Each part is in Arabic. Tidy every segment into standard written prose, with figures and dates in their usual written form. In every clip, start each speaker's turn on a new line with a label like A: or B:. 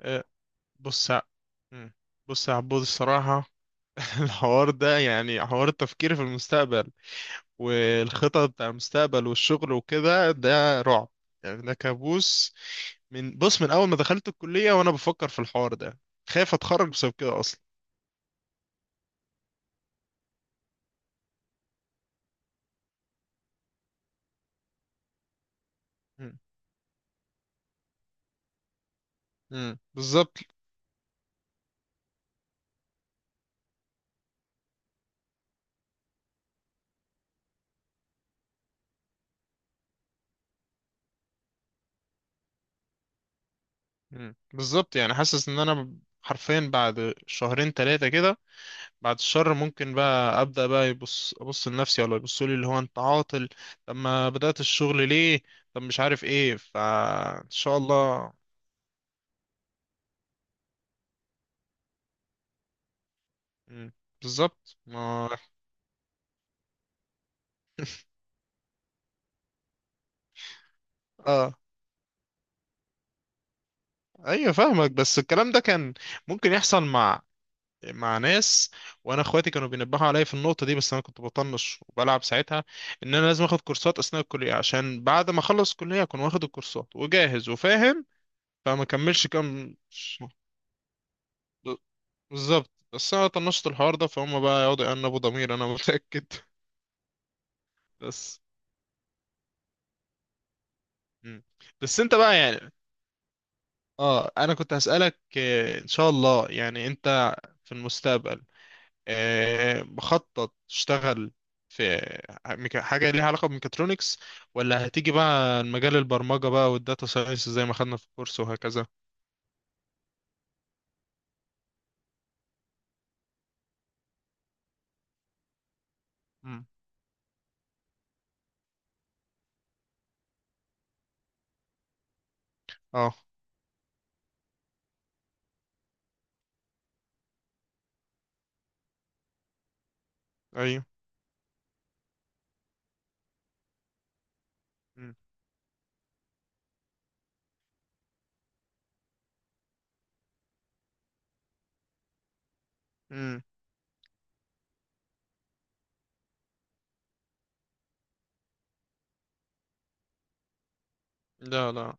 A: آه، بص ع- مم. بص يا عبود الصراحة. الحوار ده يعني حوار التفكير في المستقبل والخطط بتاع المستقبل والشغل وكده، ده رعب يعني، ده كابوس. من أول ما دخلت الكلية وأنا بفكر في الحوار ده، خايف أتخرج بسبب كده أصلا. مم. مم. بالظبط. مم. بالظبط، يعني حاسس إن أنا حرفيا بعد شهرين تلاتة كده، بعد الشر، ممكن بقى ابدا بقى ابص لنفسي ولا يبصوا لي اللي هو انت عاطل. طب ما بدات الشغل ليه؟ طب مش عارف ايه، فان شاء الله. مم. بالظبط ما. اه، ايوه فاهمك، بس الكلام ده كان ممكن يحصل مع ناس، وانا اخواتي كانوا بينبهوا عليا في النقطه دي بس انا كنت بطنش وبلعب ساعتها، ان انا لازم اخد كورسات اثناء الكليه عشان بعد ما اخلص الكليه اكون واخد الكورسات وجاهز وفاهم، فما كملش كام. بالظبط، بس انا طنشت الحوار ده، فهم بقى يقعدوا يأنبوا ضمير انا متأكد. بس. مم. بس انت بقى يعني، اه انا كنت هسألك، ان شاء الله يعني انت في المستقبل مخطط تشتغل في حاجة ليها علاقة بميكاترونكس، ولا هتيجي بقى المجال البرمجة بقى والداتا ساينس زي ما خدنا في الكورس وهكذا؟ مم. اه. ايوه. مم. مم. لا لا.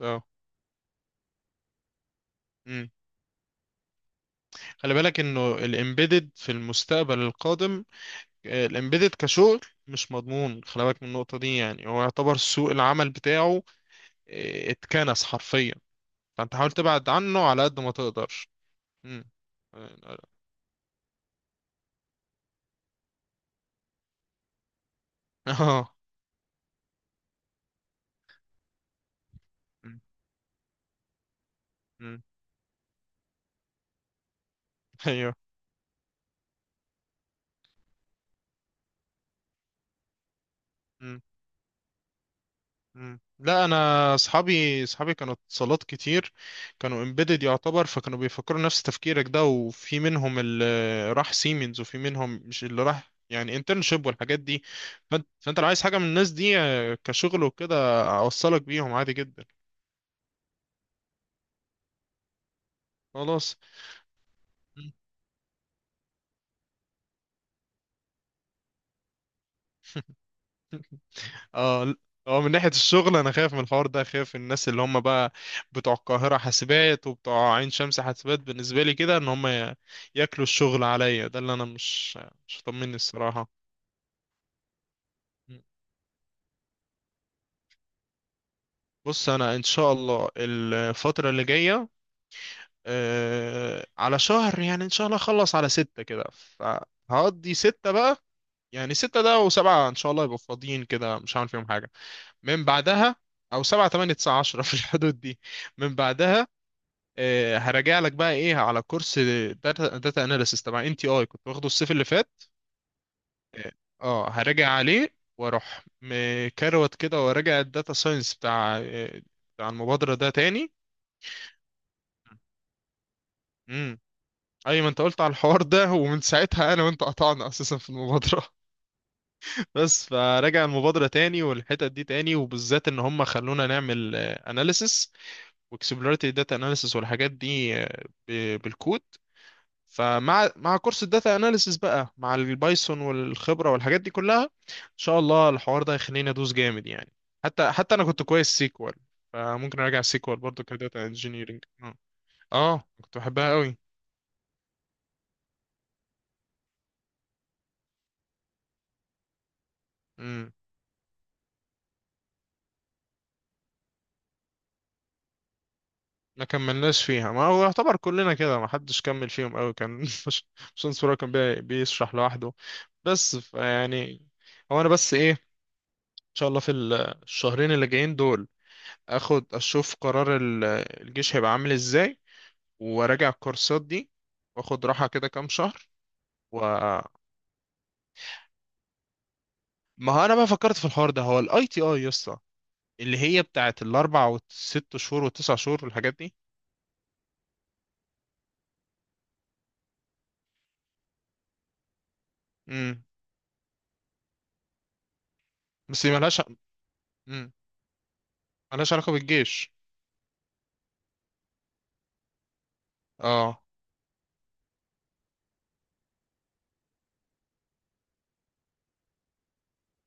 A: اه. مم. خلي بالك انه الامبيدد في المستقبل القادم، الامبيدد كشغل مش مضمون. خلي بالك من النقطة دي، يعني هو يعتبر سوق العمل بتاعه اتكنس حرفيا، فانت حاول تبعد عنه على قد ما تقدر. مم. اه. آه. مم. مم. ايوه. مم. لا، انا اصحابي كانوا اتصالات كتير، كانوا امبيدد يعتبر، فكانوا بيفكروا نفس تفكيرك ده، وفي منهم اللي راح سيمنز وفي منهم مش اللي راح يعني انترنشيب والحاجات دي، فانت لو عايز حاجه من الناس دي كشغل وكده، اوصلك بيهم عادي جدا. خلاص. مم. اه ل- اه، من ناحية الشغل انا خايف من الحوار ده، خايف الناس اللي هم بقى بتوع القاهرة حاسبات وبتوع عين شمس حاسبات بالنسبة لي كده ان هم ياكلوا الشغل عليا، ده اللي انا مش طمني الصراحة. بص، انا ان شاء الله الفترة اللي جاية آه على شهر، يعني ان شاء الله اخلص على ستة كده، فهقضي ستة بقى، يعني ستة ده وسبعة ان شاء الله يبقوا فاضيين كده، مش هعمل فيهم حاجة. من بعدها، او سبعة تمانية تسعة عشرة في الحدود دي، من بعدها هراجع لك بقى ايه، على كورس داتا اناليسيس تبع ان تي اي، كنت واخده الصيف اللي فات. اه، هراجع عليه واروح مكروت كده، وراجع الداتا ساينس بتاع بتاع المبادرة ده تاني. امم. اي ما انت قلت على الحوار ده، ومن ساعتها انا وانت قطعنا اساسا في المبادرة. بس فراجع المبادرة تاني والحتت دي تاني، وبالذات ان هم خلونا نعمل اناليسيس واكسبلوريتي داتا اناليسيس والحاجات دي بالكود. فمع كورس الداتا اناليسيس بقى، مع البايثون والخبره والحاجات دي كلها، ان شاء الله الحوار ده هيخليني ادوس جامد يعني. حتى انا كنت كويس سيكوال، فممكن اراجع سيكوال برضو كداتا انجينيرنج. اه، آه، كنت بحبها قوي. امم. ما كملناش فيها، ما هو يعتبر كلنا كده ما حدش كمل فيهم قوي، كان مش مش انصر كان بيشرح لوحده. بس يعني، هو انا بس ايه، ان شاء الله في الشهرين اللي جايين دول، اخد اشوف قرار الجيش هيبقى عامل ازاي، وراجع الكورسات دي، واخد راحة كده كام شهر، و ما هو انا بقى فكرت في الحوار ده، هو الاي تي اي يا اسطى، اللي هي بتاعت الاربع والست شهور والتسع شهور والحاجات دي. امم. بس هي ملهاش. امم. ملهاش علاقة بالجيش. اه.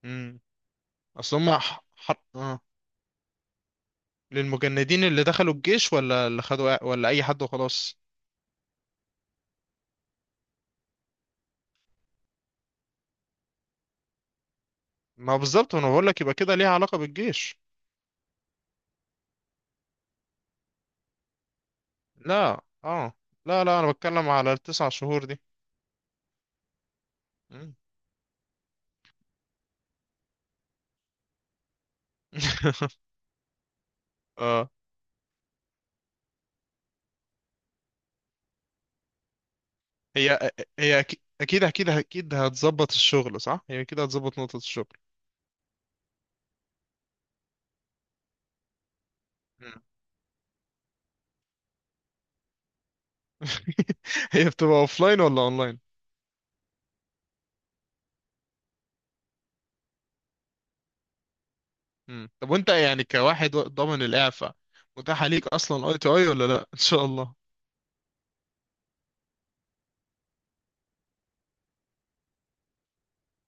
A: امم. اصل هم ح... ح... آه. للمجندين اللي دخلوا الجيش، ولا اللي خدوا، ولا اي حد وخلاص؟ ما هو بالظبط، انا بقول لك يبقى كده ليها علاقة بالجيش. لا اه، لا لا، انا بتكلم على التسع شهور دي. مم. اه، هي اكيد اكيد اكيد هتظبط الشغل، صح؟ هي اكيد هتظبط نقطة الشغل. مم. هي بتبقى اوفلاين ولا اونلاين؟ مم. طب وانت يعني كواحد ضامن الاعفاء، متاحة ليك اصلا اي تو اي ولا لا؟ ان شاء الله.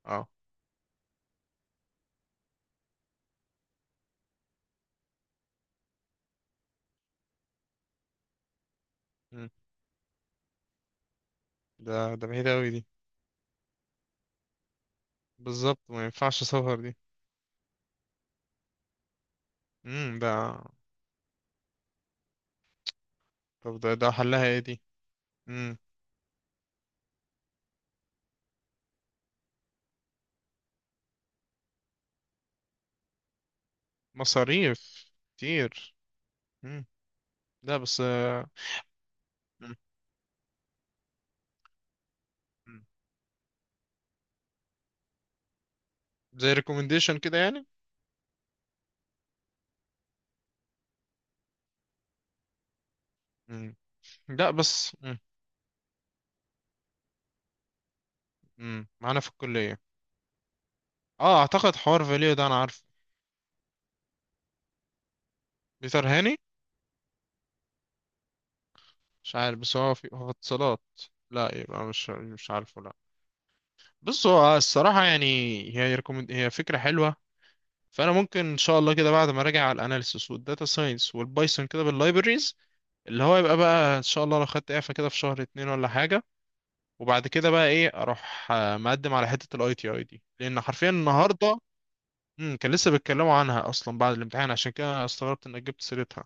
A: اه. مم. ده بعيد قوي دي. بالظبط، ما ينفعش، سفر دي. امم، ده. طب ده حلها ايه دي؟ امم. مصاريف كتير. امم. لا بس مم. مم. زي ريكومنديشن كده يعني. امم. لا بس. امم، معانا في الكلية. اه اعتقد حوار فاليو ده انا عارفه. بيتر هاني. مش عارف، بس هو في، هو في اتصالات. لا يبقى مش، مش عارفه، لا. بص هو الصراحة يعني، هي ريكومند، هي فكرة حلوة، فأنا ممكن إن شاء الله كده بعد ما أراجع على الأناليسيس والداتا ساينس والبايثون كده باللايبريز، اللي هو يبقى بقى إن شاء الله لو خدت إعفاء كده في شهر اتنين ولا حاجة، وبعد كده بقى إيه أروح مقدم على حتة الأي تي أي دي، لأن حرفيا النهاردة، كان لسه بيتكلموا عنها أصلا بعد الامتحان، عشان كده استغربت إنك جبت سيرتها.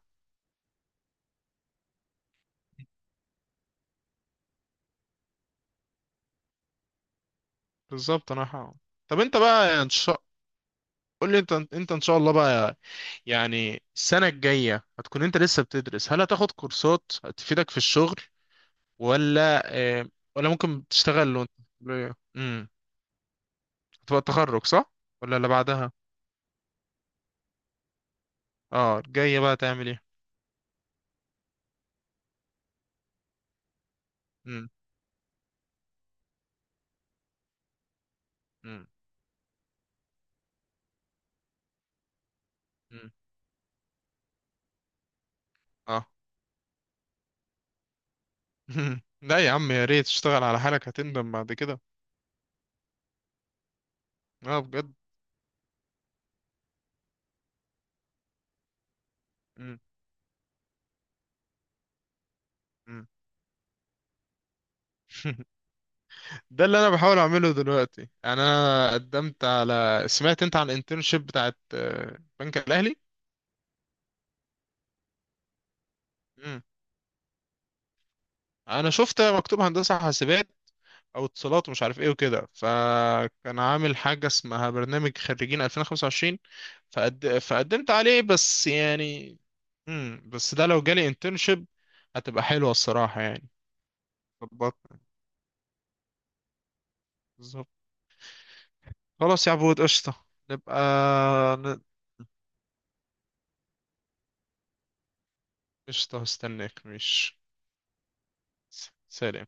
A: بالظبط أنا طب انت بقى ان شاء. قول لي انت ان شاء الله بقى، يعني السنة الجاية هتكون انت لسه بتدرس؟ هل هتاخد كورسات هتفيدك في الشغل ولا؟ اه. ولا ممكن تشتغل وانت. امم. هتبقى التخرج صح ولا اللي بعدها؟ اه، الجاية بقى تعمل ايه؟ امم. امم. امم. اه. لا يا عم، يا ريت تشتغل على حالك، هتندم بعد كده. اه بجد. امم. امم. ده اللي انا بحاول اعمله دلوقتي يعني، انا قدمت على، سمعت انت عن الانترنشيب بتاعت بنك الاهلي؟ انا شفت مكتوب هندسه حاسبات او اتصالات ومش عارف ايه وكده، فكان عامل حاجه اسمها برنامج خريجين 2025، فقدمت عليه بس يعني. امم. بس ده لو جالي انترنشيب هتبقى حلوه الصراحه يعني. ظبطنا. بالظبط. خلاص يا عبود قشطه نبقى. ن- قشطه هستناك. مش. سلام